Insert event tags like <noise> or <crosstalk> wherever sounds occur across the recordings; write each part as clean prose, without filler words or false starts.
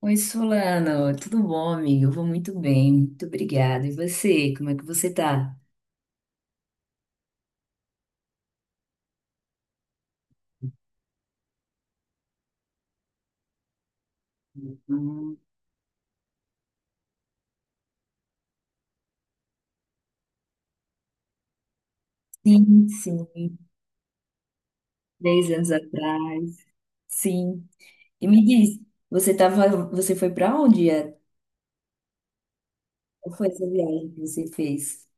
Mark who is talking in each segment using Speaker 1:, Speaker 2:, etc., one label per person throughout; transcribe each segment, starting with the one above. Speaker 1: Oi, Solano, tudo bom, amigo? Eu vou muito bem, muito obrigada. E você, como é que você tá? Hum. Sim, sim, três anos atrás, sim. E me diz, você tava, você foi para onde? É? Qual foi essa viagem que você fez?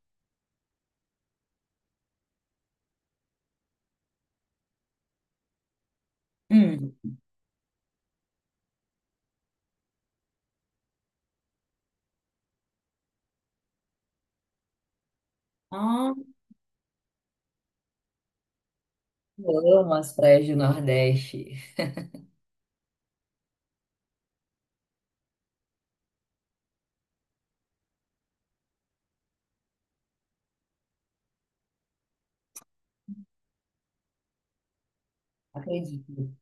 Speaker 1: Hum. Ah, eu amo as praias do Nordeste, acredito.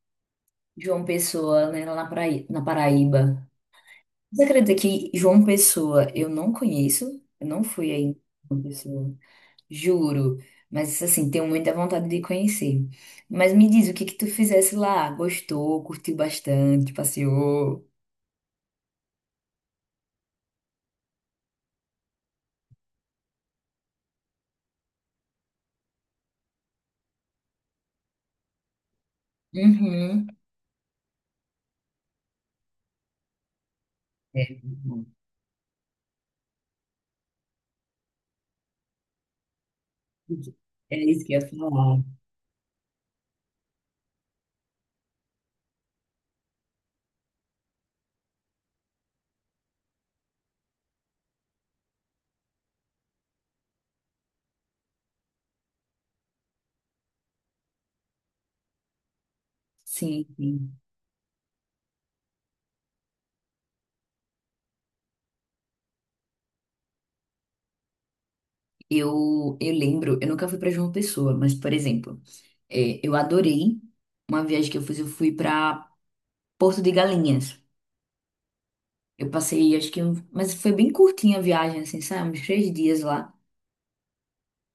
Speaker 1: João Pessoa, né, lá na Paraíba. Você acredita que João Pessoa eu não conheço? Eu não fui aí em João Pessoa. Juro, mas assim, tenho muita vontade de conhecer. Mas me diz, o que que tu fizesse lá? Gostou, curtiu bastante, passeou? Uhum. É, bom, é isso que eu ia falar. Sim, sim. Eu lembro, eu nunca fui para João Pessoa, mas, por exemplo, é, eu adorei uma viagem que eu fiz, eu fui para Porto de Galinhas. Eu passei, acho que, mas foi bem curtinha a viagem, assim, sabe? Uns três dias lá.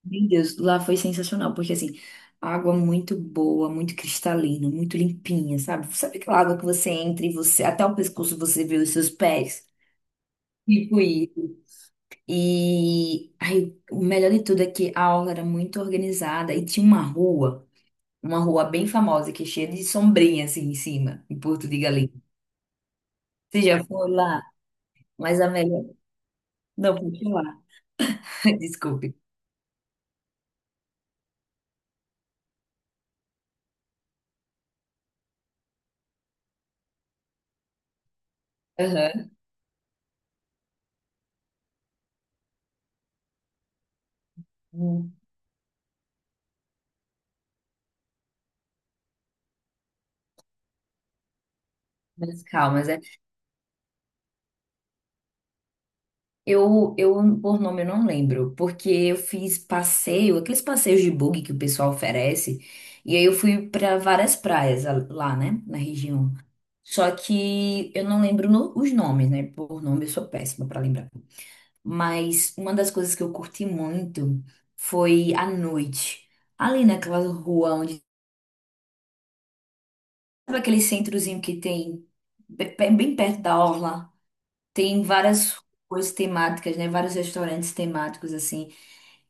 Speaker 1: Meu Deus, lá foi sensacional, porque assim, água muito boa, muito cristalina, muito limpinha, sabe? Sabe aquela água que você entra e você, até o pescoço você vê os seus pés? Tipo isso. E aí, o melhor de tudo é que a aula era muito organizada e tinha uma rua bem famosa, que é cheia de sombrinha assim em cima, em Porto de Galinhas. Você já foi lá? Mas a melhor. Não, pode lá. <laughs> Desculpe. Aham. Hum. Mas calma, eu por nome, eu não lembro, porque eu fiz passeio, aqueles passeios de bug que o pessoal oferece, e aí eu fui para várias praias lá, né, na região. Só que eu não lembro os nomes, né? Por nome eu sou péssima para lembrar. Mas uma das coisas que eu curti muito foi à noite, ali naquela rua onde, sabe aquele centrozinho que tem bem perto da orla? Tem várias coisas temáticas, né? Vários restaurantes temáticos, assim.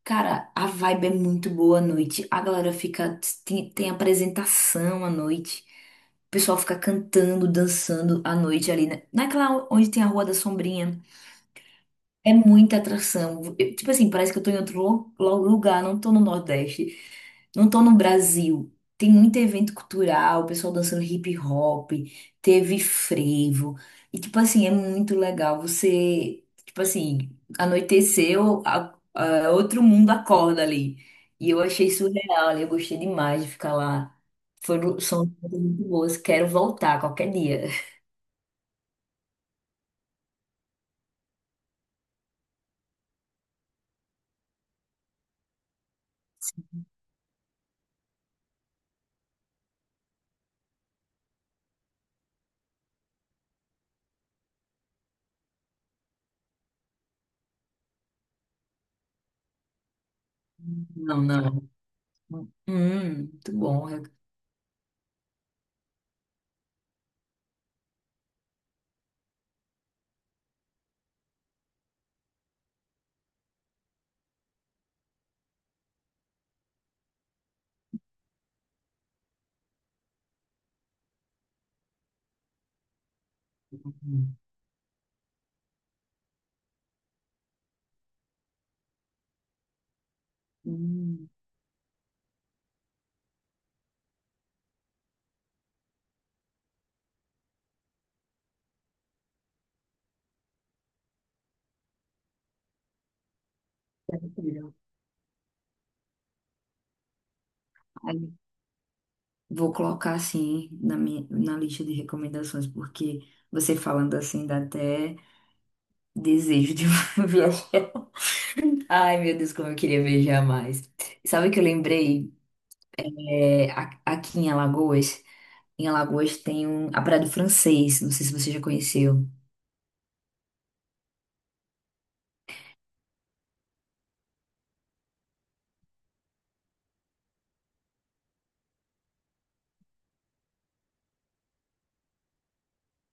Speaker 1: Cara, a vibe é muito boa à noite. A galera fica. Tem apresentação à noite. O pessoal fica cantando, dançando à noite ali, né? Naquela onde tem a Rua da Sombrinha. É muita atração. Tipo assim, parece que eu tô em outro lugar, não tô no Nordeste, não tô no Brasil. Tem muito evento cultural, o pessoal dançando hip hop, teve frevo. E tipo assim, é muito legal. Você, tipo assim, anoiteceu, outro mundo acorda ali. E eu achei surreal ali, eu gostei demais de ficar lá. Foram, são coisas muito boas, quero voltar qualquer dia. Não, não. Muito bom. Hum, deve ser legal. Aí, vou colocar assim na minha, na lista de recomendações, porque você falando assim dá até desejo de <laughs> viajar. Ai, meu Deus, como eu queria viajar mais. Sabe o que eu lembrei? É, aqui em Alagoas tem um, a Praia do Francês, não sei se você já conheceu.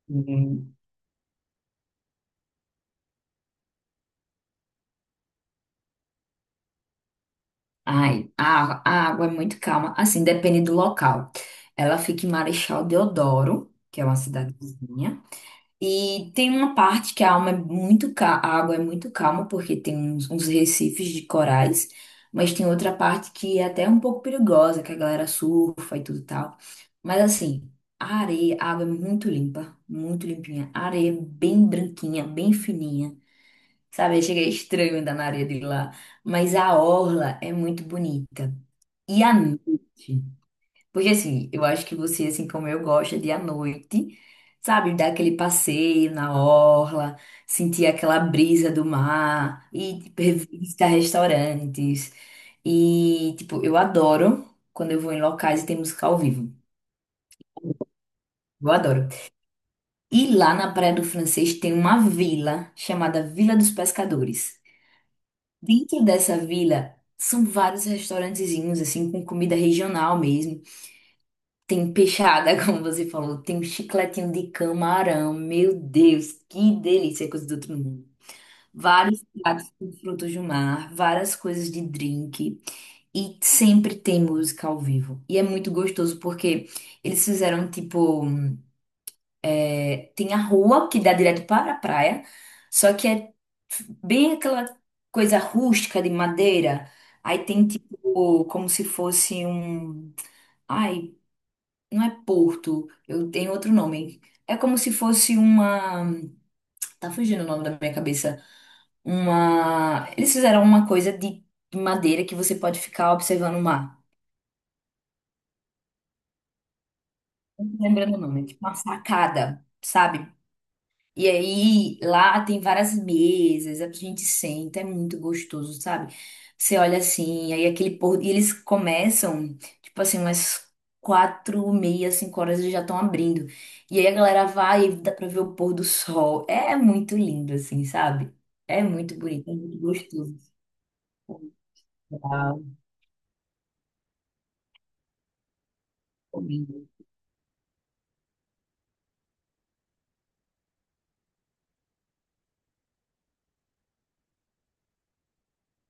Speaker 1: Hum. Ai, a água é muito calma, assim, depende do local. Ela fica em Marechal Deodoro, que é uma cidadezinha. E tem uma parte que a alma é muito a água é muito calma, porque tem uns recifes de corais, mas tem outra parte que é até um pouco perigosa, que a galera surfa e tudo e tal. Mas assim, a areia, a água é muito limpa, muito limpinha. A areia é bem branquinha, bem fininha. Sabe, chega estranho andar na areia de lá. Mas a orla é muito bonita. E à noite? Porque assim, eu acho que você, assim como eu, gosta de ir à noite, sabe, dar aquele passeio na orla, sentir aquela brisa do mar e tipo, visitar restaurantes. E, tipo, eu adoro quando eu vou em locais e tem música ao vivo. Eu adoro. E lá na Praia do Francês tem uma vila chamada Vila dos Pescadores. Dentro dessa vila são vários restaurantezinhos, assim, com comida regional mesmo. Tem peixada, <laughs> como você falou. Tem um chicletinho de camarão. Meu Deus, que delícia, coisa do outro mundo. Vários pratos com frutos do mar, várias coisas de drink. E sempre tem música ao vivo. E é muito gostoso porque eles fizeram tipo. Tem a rua que dá direto para a praia, só que é bem aquela coisa rústica de madeira. Aí tem tipo como se fosse um. Ai. Não é Porto, eu tenho outro nome. É como se fosse uma. Tá fugindo o nome da minha cabeça. Uma. Eles fizeram uma coisa de madeira que você pode ficar observando o mar. Não tô lembrando o nome, é tipo uma sacada, sabe? E aí, lá tem várias mesas, a gente senta, é muito gostoso, sabe? Você olha assim, aí aquele pôr, e eles começam, tipo assim, umas 4h, 5h eles já estão abrindo. E aí a galera vai e dá pra ver o pôr do sol. É muito lindo, assim, sabe? É muito bonito, é muito gostoso. Tá.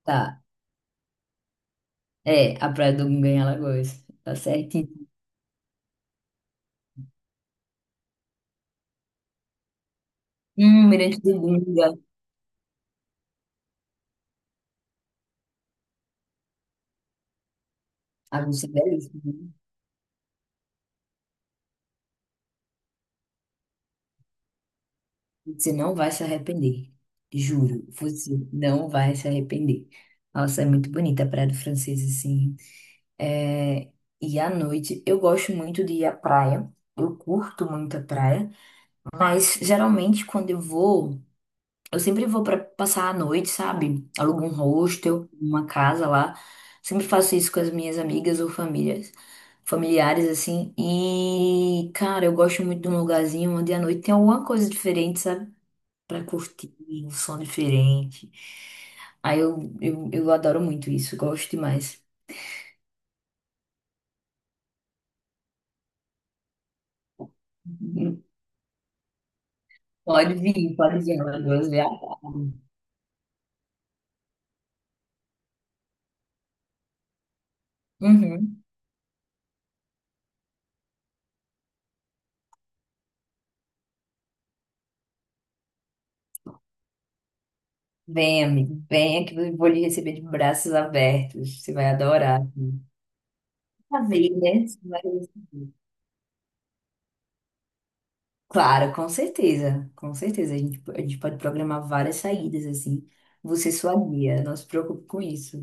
Speaker 1: Tá, é, a Praia do Gunga em Alagoas, tá certinho. Mirante do Gunga. Ah, isso é belíssimo. Você não vai se arrepender. Juro, você não vai se arrepender. Nossa, é muito bonita a Praia do Francês, assim. É. E à noite, eu gosto muito de ir à praia. Eu curto muito a praia. Mas, geralmente, quando eu vou, eu sempre vou para passar a noite, sabe? Alugo um hostel, uma casa lá. Sempre faço isso com as minhas amigas ou famílias. Familiares, assim. E, cara, eu gosto muito de um lugarzinho onde à noite tem alguma coisa diferente, sabe? Pra curtir um som diferente. Aí eu adoro muito isso, gosto demais. Pode vir, meu Deus. É amado. Uhum. Vem, amigo, venha que eu vou lhe receber de braços abertos. Você vai adorar. Pra ver, né? Você vai receber. Claro, com certeza, com certeza. A gente pode programar várias saídas assim. Você é sua guia, não se preocupe com isso.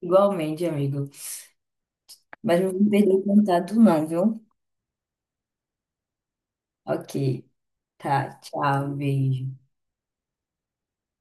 Speaker 1: Igualmente, amigo. Mas não vou perder o contato, não, viu? Ok. Tá, tchau, beijo.